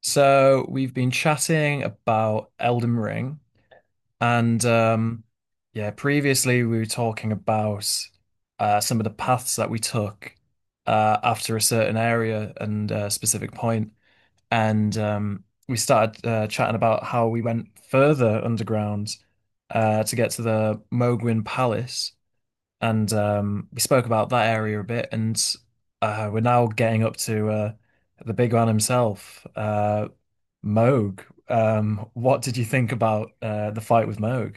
So we've been chatting about Elden Ring, and yeah, previously we were talking about some of the paths that we took after a certain area and a specific point, and we started chatting about how we went further underground to get to the Mogwin Palace, and we spoke about that area a bit, and we're now getting up to the big man himself. Moog. What did you think about the fight with Moog?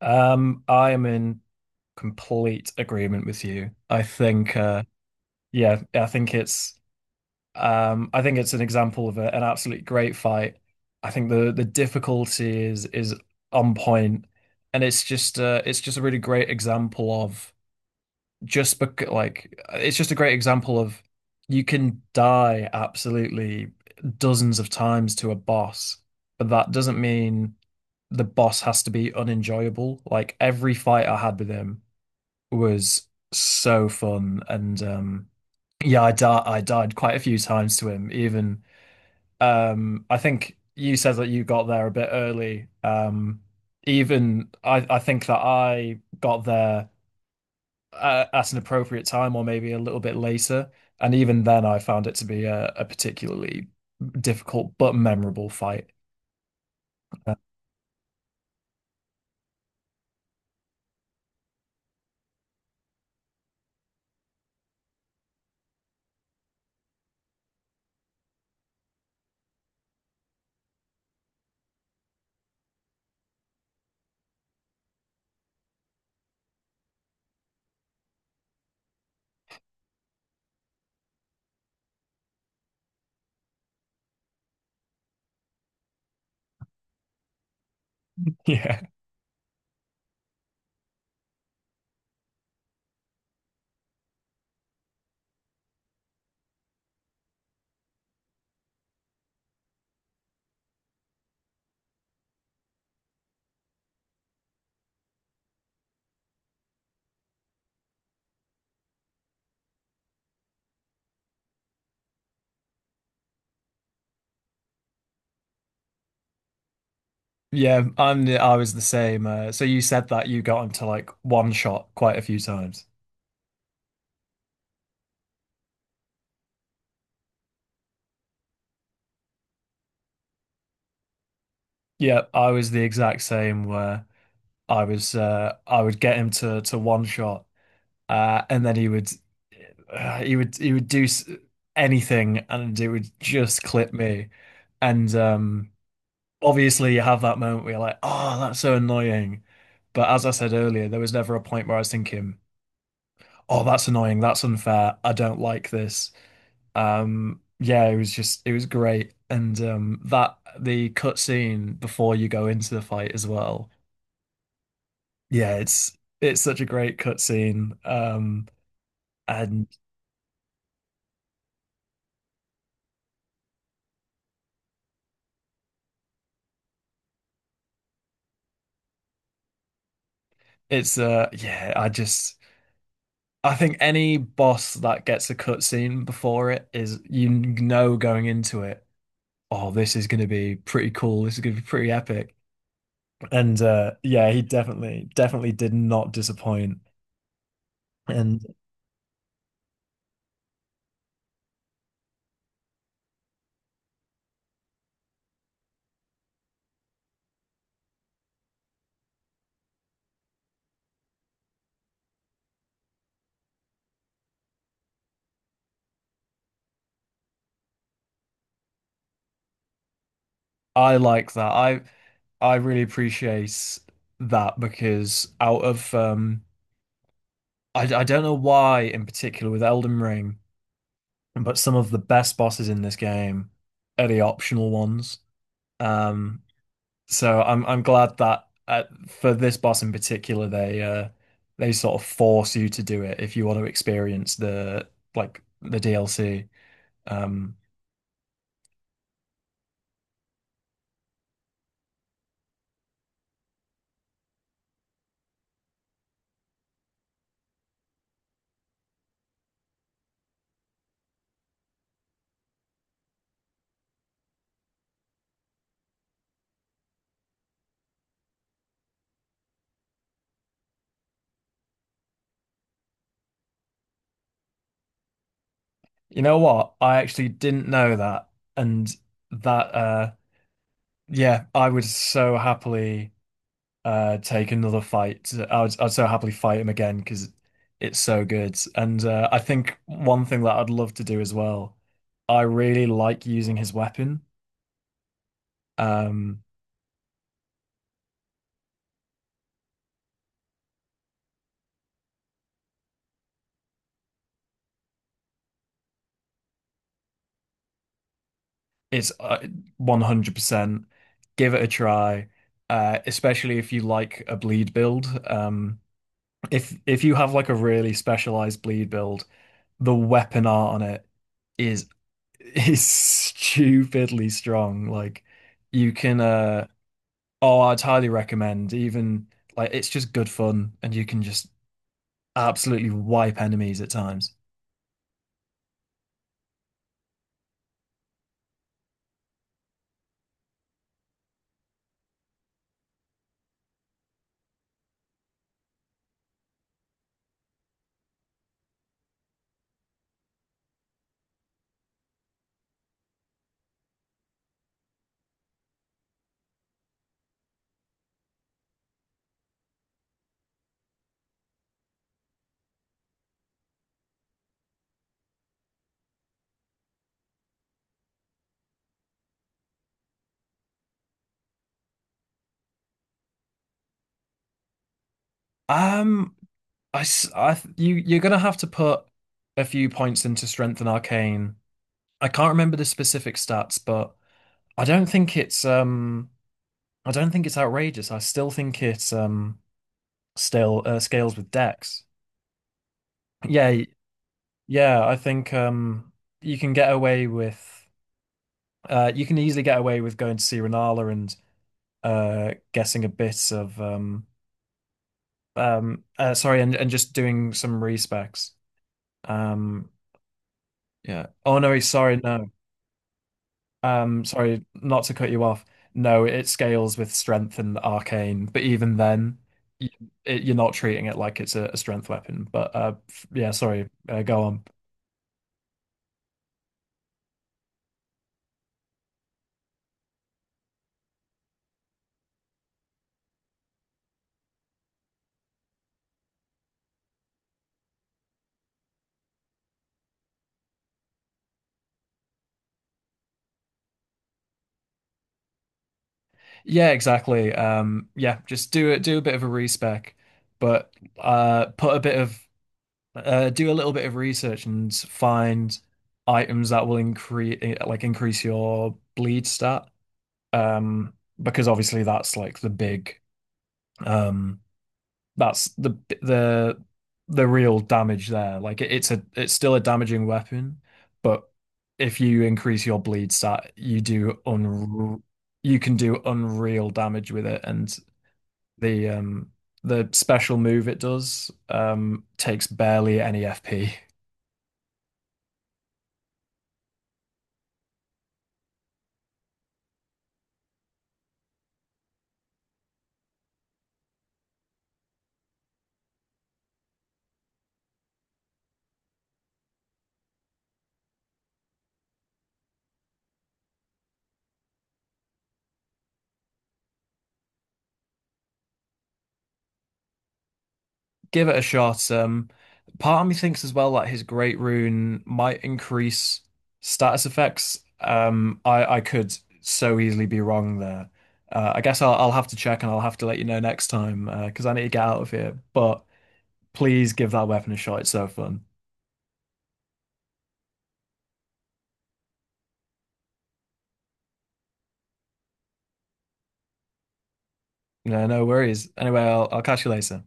I am in complete agreement with you. I think, yeah, I think I think it's an example of an absolutely great fight. I think the difficulty is on point, and it's just a really great example of. Just bec like it's just a great example of you can die absolutely dozens of times to a boss, but that doesn't mean the boss has to be unenjoyable. Like every fight I had with him was so fun, and yeah, I died quite a few times to him even. I think you said that you got there a bit early. Even I think that I got there at an appropriate time or maybe a little bit later. And even then, I found it to be a particularly difficult but memorable fight. Uh, yeah. Yeah, I was the same. So you said that you got into like one shot quite a few times. Yeah, I was the exact same where I was I would get him to one shot, and then he would he would do anything and it would just clip me. And obviously you have that moment where you're like, oh, that's so annoying. But as I said earlier, there was never a point where I was thinking, oh, that's annoying, that's unfair, I don't like this. Yeah, it was just it was great. And that the cutscene before you go into the fight as well. Yeah, it's such a great cutscene. And it's yeah, I just I think any boss that gets a cutscene before it is, you know, going into it, oh, this is going to be pretty cool. This is going to be pretty epic. And yeah, he definitely, definitely did not disappoint. And I like that. I really appreciate that because out of I don't know why in particular with Elden Ring, but some of the best bosses in this game are the optional ones. Um, So I'm glad that for this boss in particular, they sort of force you to do it if you want to experience the like the DLC. Um, you know what? I actually didn't know that, and that yeah, I would so happily take another fight. I'd so happily fight him again because it's so good. And I think one thing that I'd love to do as well, I really like using his weapon. Um, It's 100%. Give it a try, especially if you like a bleed build. If you have like a really specialized bleed build, the weapon art on it is is stupidly strong. Like you can oh, I'd highly recommend. Even like it's just good fun and you can just absolutely wipe enemies at times. Um, I, s- I th- you you're gonna have to put a few points into Strength and Arcane. I can't remember the specific stats, but I don't think it's I don't think it's outrageous. I still think it's still scales with Dex. Yeah, yeah, I think you can get away with you can easily get away with going to see Renala and guessing a bit of sorry, and just doing some respecs. Um yeah. Oh no, sorry, no. Sorry, not to cut you off. No, it scales with strength and arcane, but even then, y it, you're not treating it like it's a strength weapon. But yeah, sorry, go on. Yeah, exactly. Yeah, just do it. Do a bit of a respec, but put a bit of do a little bit of research and find items that will increase increase your bleed stat. Um, because obviously that's like the big um. that's the the real damage there. Like it's a it's still a damaging weapon, but if you increase your bleed stat, you can do unreal damage with it, and the um the special move it does takes barely any FP. Give it a shot. Part of me thinks as well that his Great Rune might increase status effects. I could so easily be wrong there. I guess I'll have to check and I'll have to let you know next time because I need to get out of here. But please give that weapon a shot. It's so fun. No, no worries. Anyway, I'll catch you later.